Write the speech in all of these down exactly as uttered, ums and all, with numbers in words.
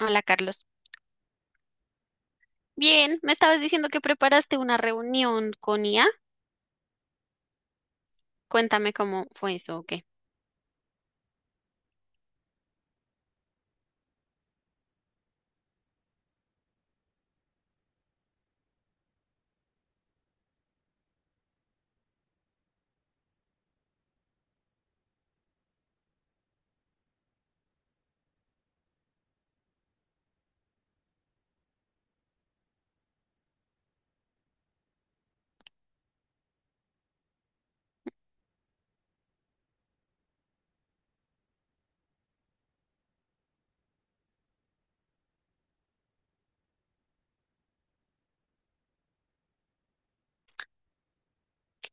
Hola, Carlos. Bien, me estabas diciendo que preparaste una reunión con I A. Cuéntame cómo fue eso, ¿o qué?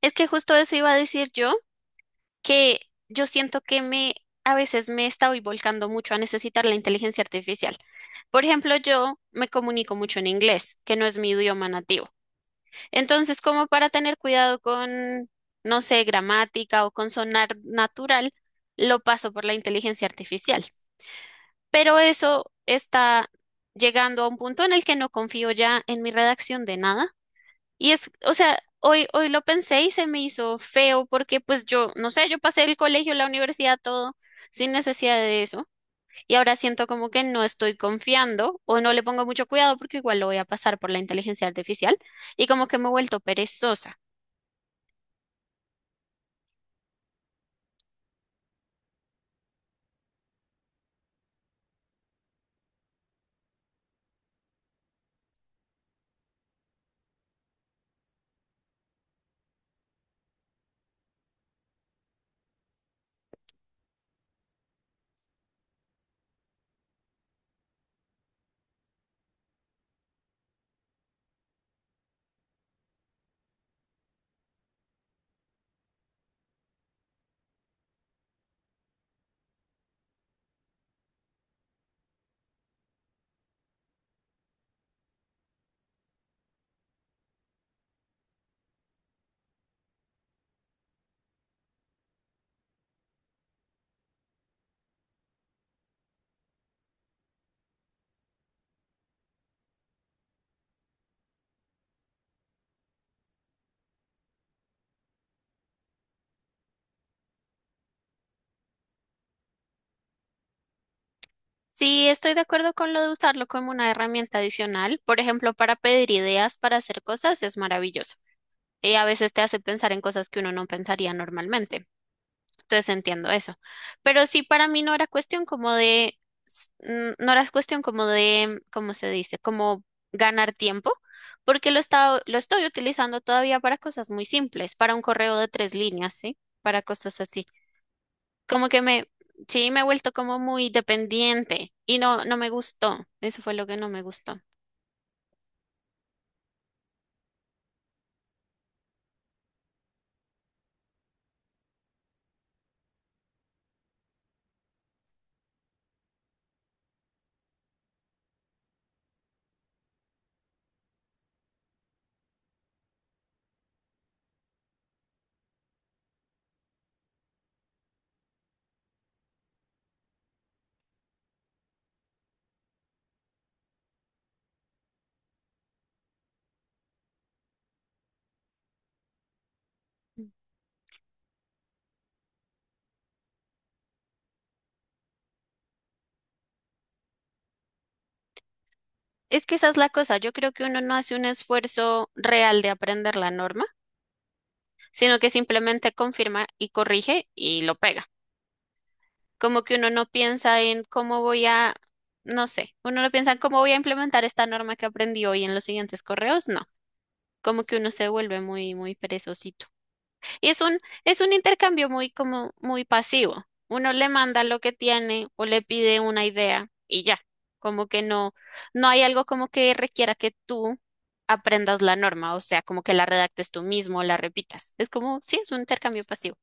Es que justo eso iba a decir yo, que yo siento que me a veces me estoy volcando mucho a necesitar la inteligencia artificial. Por ejemplo, yo me comunico mucho en inglés, que no es mi idioma nativo. Entonces, como para tener cuidado con, no sé, gramática o con sonar natural, lo paso por la inteligencia artificial. Pero eso está llegando a un punto en el que no confío ya en mi redacción de nada. Y es, o sea, hoy, hoy lo pensé y se me hizo feo porque pues yo, no sé, yo pasé el colegio, la universidad, todo sin necesidad de eso. Y ahora siento como que no estoy confiando o no le pongo mucho cuidado porque igual lo voy a pasar por la inteligencia artificial y como que me he vuelto perezosa. Sí, estoy de acuerdo con lo de usarlo como una herramienta adicional. Por ejemplo, para pedir ideas para hacer cosas es maravilloso. Y a veces te hace pensar en cosas que uno no pensaría normalmente. Entonces entiendo eso. Pero sí, para mí no era cuestión como de, s- n- no era cuestión como de, ¿cómo se dice? Como ganar tiempo, porque lo estaba, lo estoy utilizando todavía para cosas muy simples, para un correo de tres líneas, ¿sí? Para cosas así. Como que me, sí, me he vuelto como muy dependiente y no, no me gustó. Eso fue lo que no me gustó. Es que esa es la cosa. Yo creo que uno no hace un esfuerzo real de aprender la norma, sino que simplemente confirma y corrige y lo pega. Como que uno no piensa en cómo voy a, no sé, uno no piensa en cómo voy a implementar esta norma que aprendí hoy en los siguientes correos, no. Como que uno se vuelve muy, muy perezosito. Y es un, es un intercambio muy como muy pasivo. Uno le manda lo que tiene o le pide una idea y ya. Como que no, no hay algo como que requiera que tú aprendas la norma, o sea, como que la redactes tú mismo, la repitas. Es como, sí, es un intercambio pasivo.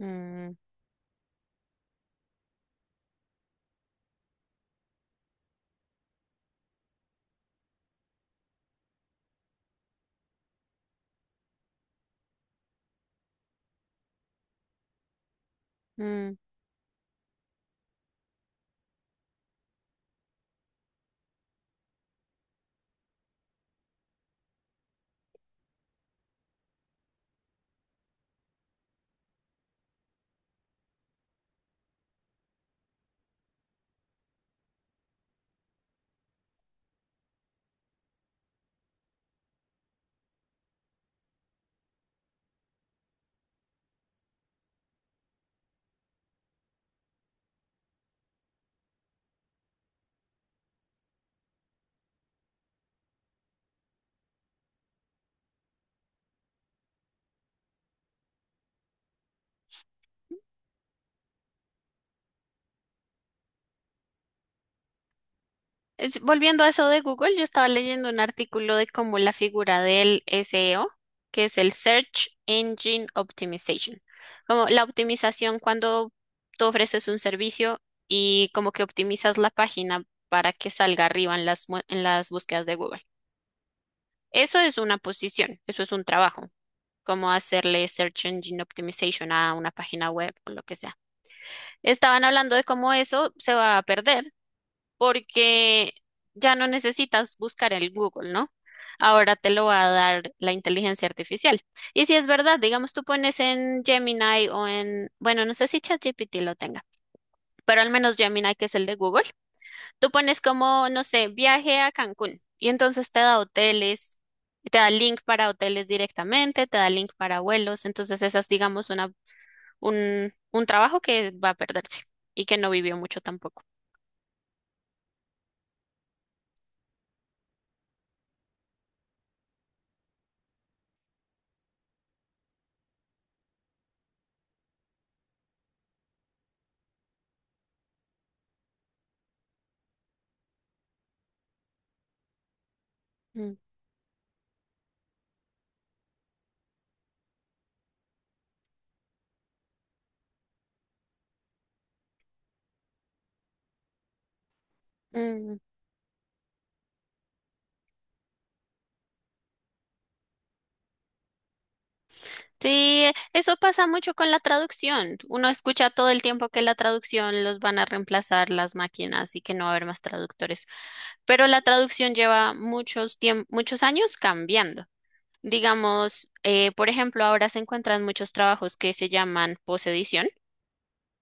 Mm, mm. Es- Volviendo a eso de Google, yo estaba leyendo un artículo de cómo la figura del SEO, que es el Search Engine Optimization, como la optimización cuando tú ofreces un servicio y como que optimizas la página para que salga arriba en las, mu- en las búsquedas de Google. Eso es una posición, eso es un trabajo, como hacerle Search Engine Optimization a una página web o lo que sea. Estaban hablando de cómo eso se va a perder porque ya no necesitas buscar en Google, ¿no? Ahora te lo va a dar la inteligencia artificial. Y si es verdad, digamos, tú pones en Gemini o en, bueno, no sé si ChatGPT lo tenga, pero al menos Gemini, que es el de Google, tú pones como, no sé, viaje a Cancún y entonces te da hoteles. Y te da link para hoteles directamente, te da link para vuelos, entonces esa es, digamos, una, un, un trabajo que va a perderse y que no vivió mucho tampoco. Mm. Mm. Sí, eso pasa mucho con la traducción. Uno escucha todo el tiempo que la traducción los van a reemplazar las máquinas y que no va a haber más traductores. Pero la traducción lleva muchos tiemp- muchos años cambiando. Digamos, eh, por ejemplo, ahora se encuentran muchos trabajos que se llaman posedición,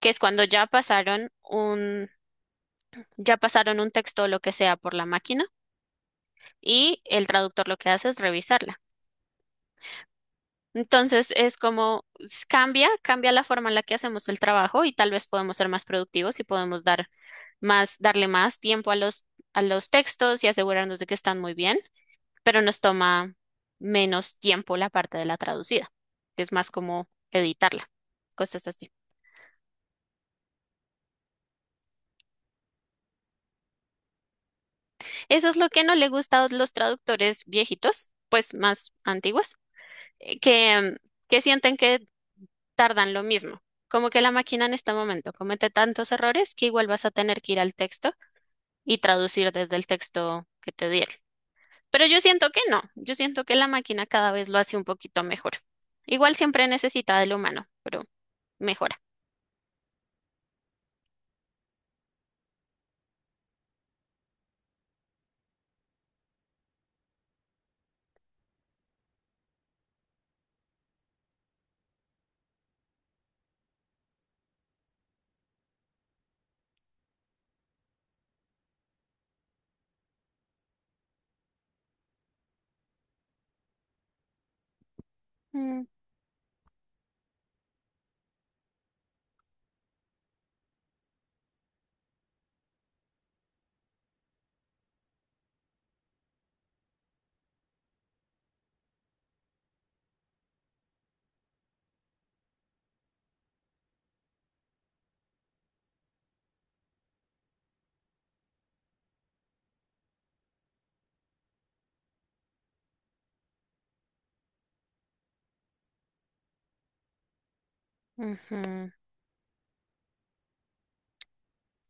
que es cuando ya pasaron un, ya pasaron un texto o lo que sea por la máquina y el traductor lo que hace es revisarlo. Entonces es como s- cambia, cambia la forma en la que hacemos el trabajo y tal vez podemos ser más productivos y podemos dar más, darle más tiempo a los, a los textos y asegurarnos de que están muy bien, pero nos toma menos tiempo la parte de la traducida, que es más como editarla, cosas así. Eso es lo que no le gusta a los traductores viejitos, pues más antiguos, eh, que, mm, que sienten que tardan lo mismo. Como que la máquina en este momento comete tantos errores que igual vas a tener que ir al texto y traducir desde el texto que te dieron. Pero yo siento que no, yo siento que la máquina cada vez lo hace un poquito mejor. Igual siempre necesita del humano, pero mejora. Mm, ujú.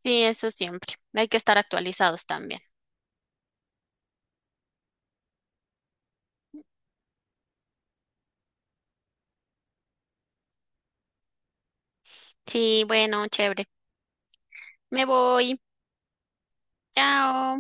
Sí, eso siempre. Hay que estar actualizados también. Sí, bueno, chévere. Me voy. Chao.